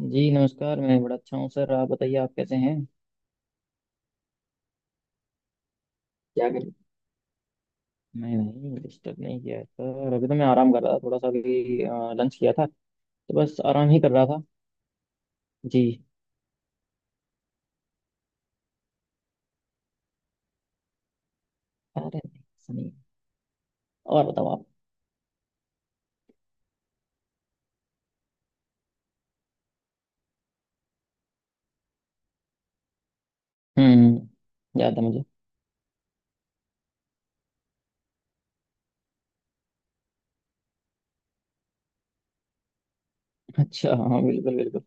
जी नमस्कार। मैं बड़ा अच्छा हूँ सर। आप बताइए, आप कैसे हैं? क्या करें। मैं नहीं डिस्टर्ब नहीं किया है सर। अभी तो मैं आराम कर रहा था थोड़ा सा। अभी लंच किया था तो बस आराम ही कर रहा था। जी। अरे नहीं, सुनिए। और बताओ आप। हम्म, याद है मुझे। अच्छा, हाँ, बिल्कुल बिल्कुल।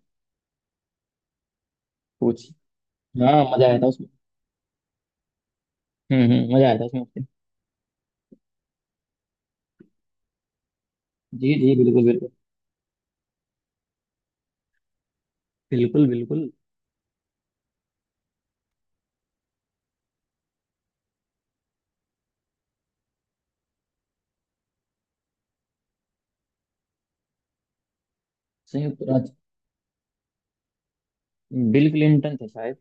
पूछ। हाँ, मजा आया था उसमें। हम्म, मजा आया था उसमें आपके। जी जी, बिल्कुल बिल्कुल। बिल्कुल बिल्कुल। संयुक्त राज्य। बिल क्लिंटन थे शायद।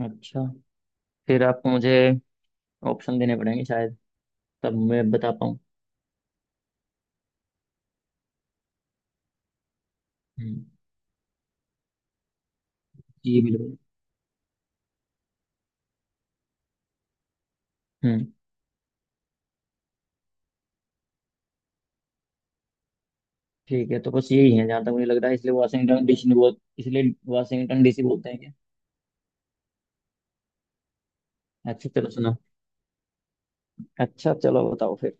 अच्छा। फिर आपको मुझे ऑप्शन देने पड़ेंगे शायद, तब मैं बता पाऊँ। हम्म। जी बिल्कुल। हम्म। ठीक है, तो बस यही है जहाँ तक मुझे लग रहा है। इसलिए वाशिंगटन डीसी बोल, इसलिए वाशिंगटन डीसी बोलते हैं क्या? अच्छा, चलो सुना। अच्छा, चलो बताओ फिर।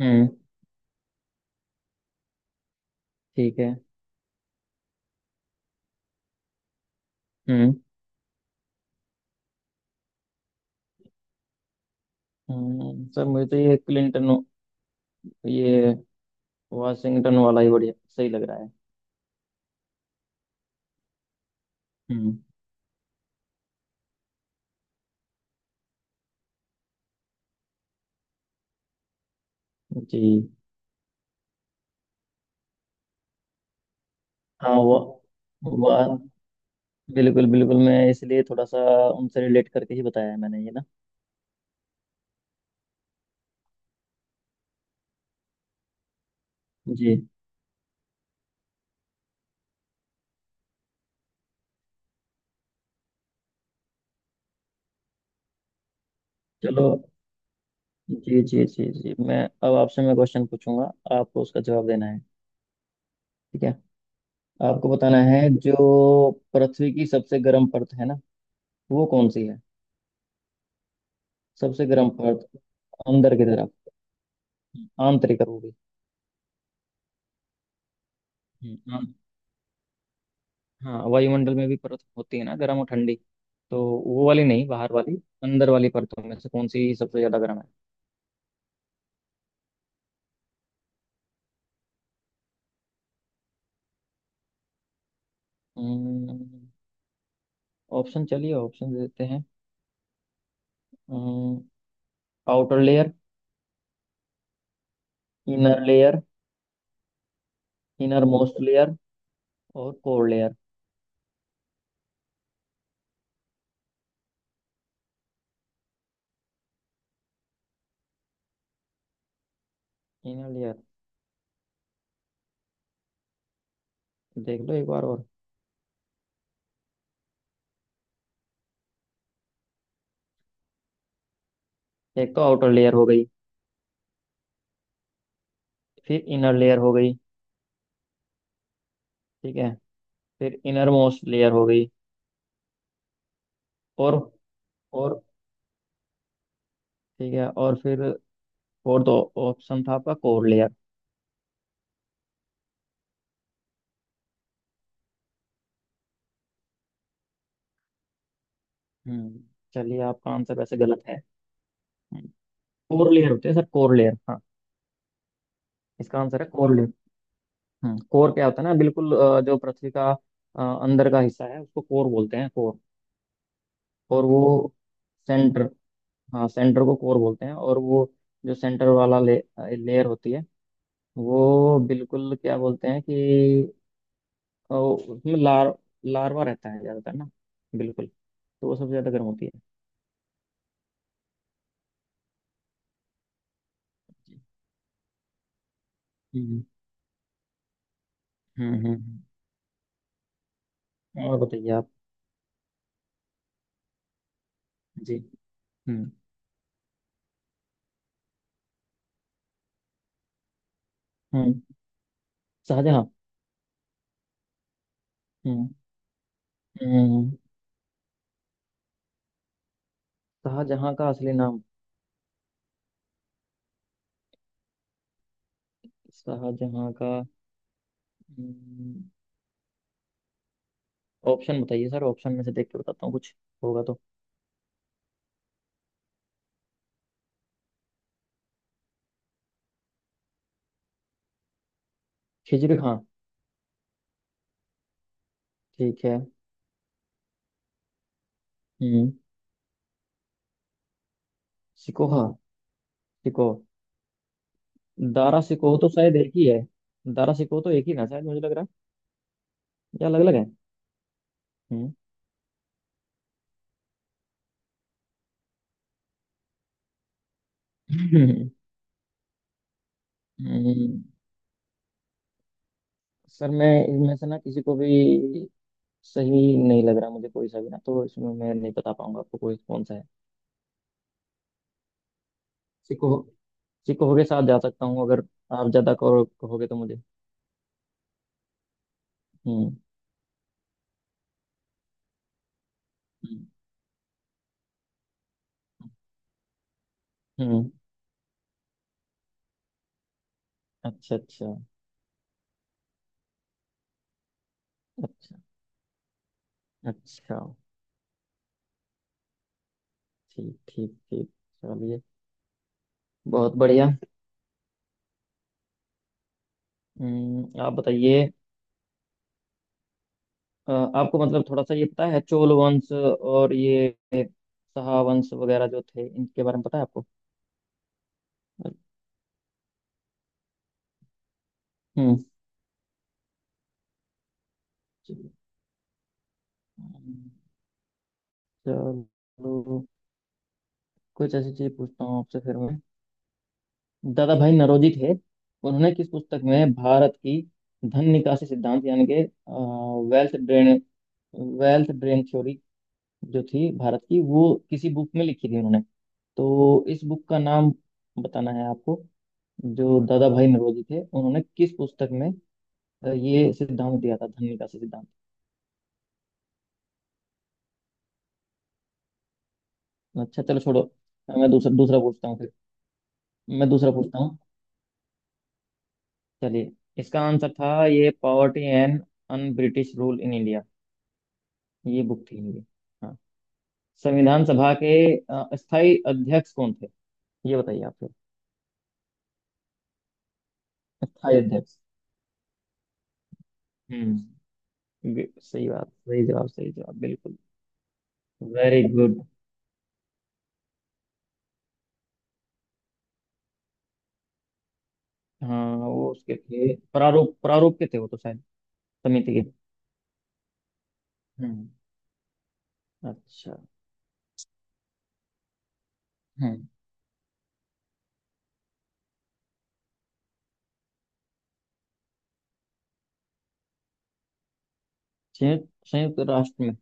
हम्म। ठीक है। हम्म सर मुझे तो ये क्लिंटन, ये वाशिंगटन वाला ही बढ़िया सही लग रहा है। हम्म। जी। हाँ वो बिल्कुल बिल्कुल। मैं इसलिए थोड़ा सा उनसे रिलेट करके ही बताया है मैंने, ये ना। जी। चलो। जी जी जी जी, मैं अब आपसे मैं क्वेश्चन पूछूंगा, आपको उसका जवाब देना है। ठीक है। आपको बताना है जो पृथ्वी की सबसे गर्म परत है ना, वो कौन सी है। सबसे गर्म परत अंदर की तरफ। आंतरिक वो भी। हाँ। हाँ, वायुमंडल में भी परत होती है ना, गर्म और ठंडी। तो वो वाली नहीं, बाहर वाली। अंदर वाली परतों में से कौन सी सबसे ज्यादा गर्म है? हम्म, ऑप्शन, चलिए ऑप्शन देते हैं। हम्म, outer layer. Inner layer. Innermost layer और कोर लेयर। Inner layer? देख लो एक बार और। एक तो आउटर लेयर हो गई। फिर इनर लेयर हो गई। ठीक है। फिर इनर मोस्ट लेयर हो गई। और और, ठीक है, और फिर फोर्थ ऑप्शन था आपका कोर लेयर। हम्म। चलिए, आपका आंसर वैसे गलत है। कोर लेयर होते हैं सर, कोर लेयर, हाँ। इसका आंसर है कोर लेयर। हम्म, कोर क्या होता है ना, बिल्कुल जो पृथ्वी का अंदर का हिस्सा है उसको कोर बोलते हैं, कोर। और वो सेंटर। हाँ, सेंटर को कोर बोलते हैं। और वो जो सेंटर वाला लेयर होती है, वो बिल्कुल क्या बोलते हैं कि, और उसमें लार्वा रहता है ज्यादातर ना। बिल्कुल, तो वो सबसे ज्यादा गर्म होती है। हम्म हम्म। हम्म। और बताइए आप। जी। हम्म। हम्म। शाहजहां। हम्म। हम्म। शाहजहां का असली नाम? शाहजहां का। हम्म, ऑप्शन बताइए सर, ऑप्शन में से देख के बताता हूँ, कुछ होगा तो। खिजर खां? ठीक है। हम्म। सिकोहा। सिको। दारा सिकोह तो शायद एक ही है। दारा सिकोह तो एक ही ना शायद, मुझे लग रहा है, या अलग अलग है? हम्म। हम्म, सर मैं इनमें से ना किसी को भी सही नहीं लग रहा मुझे, कोई सा भी ना। तो इसमें मैं नहीं बता पाऊंगा आपको कोई कौन सा है। सिको। सिको के साथ जा सकता हूँ अगर आप ज्यादा कहोगे तो मुझे। हम्म। हम्म। हम्म, अच्छा अच्छा। अच्छा अच्छा। ठीक ठीक ठीक। चलिए, बहुत बढ़िया। हम्म, आप बताइए। आपको मतलब थोड़ा सा ये पता है, चोल वंश और ये शाह वंश वगैरह जो थे, इनके बारे में पता है आपको? हम्म। चलो, कुछ ऐसी चीज पूछता हूँ आपसे फिर मैं। दादा भाई नौरोजी थे, उन्होंने किस पुस्तक में भारत की धन निकासी सिद्धांत यानी कि wealth drain, wealth drain theory जो थी भारत की, वो किसी बुक में लिखी थी उन्होंने। तो इस बुक का नाम बताना है आपको। जो दादा भाई नौरोजी थे उन्होंने किस पुस्तक में ये सिद्धांत दिया था, धन निकासी सिद्धांत? अच्छा, चलो छोड़ो। मैं दूसरा दूसरा पूछता हूँ फिर। मैं दूसरा पूछता हूँ। चलिए, इसका आंसर था ये poverty and un British rule in India. ये बुक थी इनकी। हाँ, संविधान सभा के स्थायी अध्यक्ष कौन थे, ये बताइए आप फिर। स्थायी अध्यक्ष। हम्म। सही बात, सही जवाब, सही जवाब, बिल्कुल। Very good. हाँ, वो उसके थे प्रारूप प्रारूप के थे वो तो शायद। समिति के। हम्म। अच्छा। हम्म। संयुक्त, संयुक्त राष्ट्र में।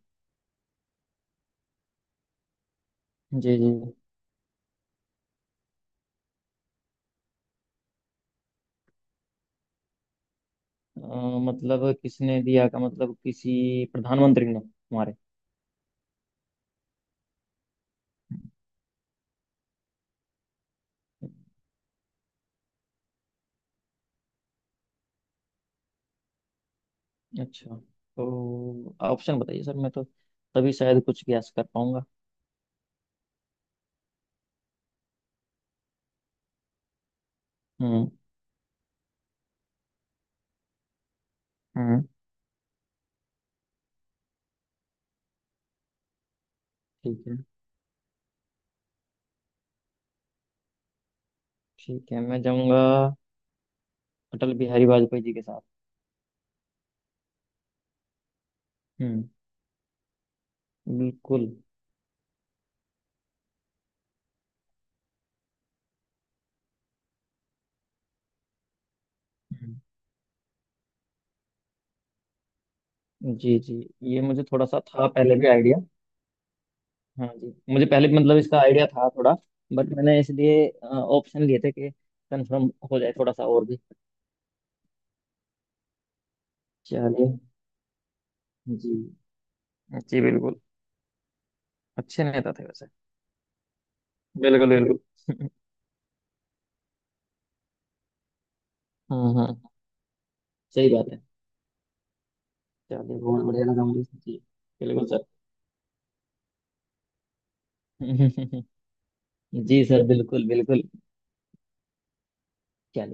जी जी। अ, मतलब किसने दिया का मतलब किसी प्रधानमंत्री ने हमारे? अच्छा, तो ऑप्शन बताइए सर, मैं तो तभी शायद कुछ गैस कर पाऊंगा। हम्म। हम्म। ठीक है। ठीक है, मैं जाऊंगा अटल बिहारी वाजपेयी जी के साथ। हम्म। बिल्कुल। हम्म, जी जी। ये मुझे थोड़ा सा था पहले भी आइडिया। हाँ जी, मुझे पहले भी मतलब इसका आइडिया था थोड़ा। बट मैंने इसलिए ऑप्शन लिए थे कि कंफर्म हो जाए थोड़ा सा और भी। चलिए। जी। जी बिल्कुल। अच्छे नेता थे वैसे। बिल्कुल बिल्कुल। हाँ हाँ, सही बात है। चलिए, बहुत बढ़िया लगा मुझे जी। बिल्कुल सर। जी सर, बिल्कुल बिल्कुल। चलिए।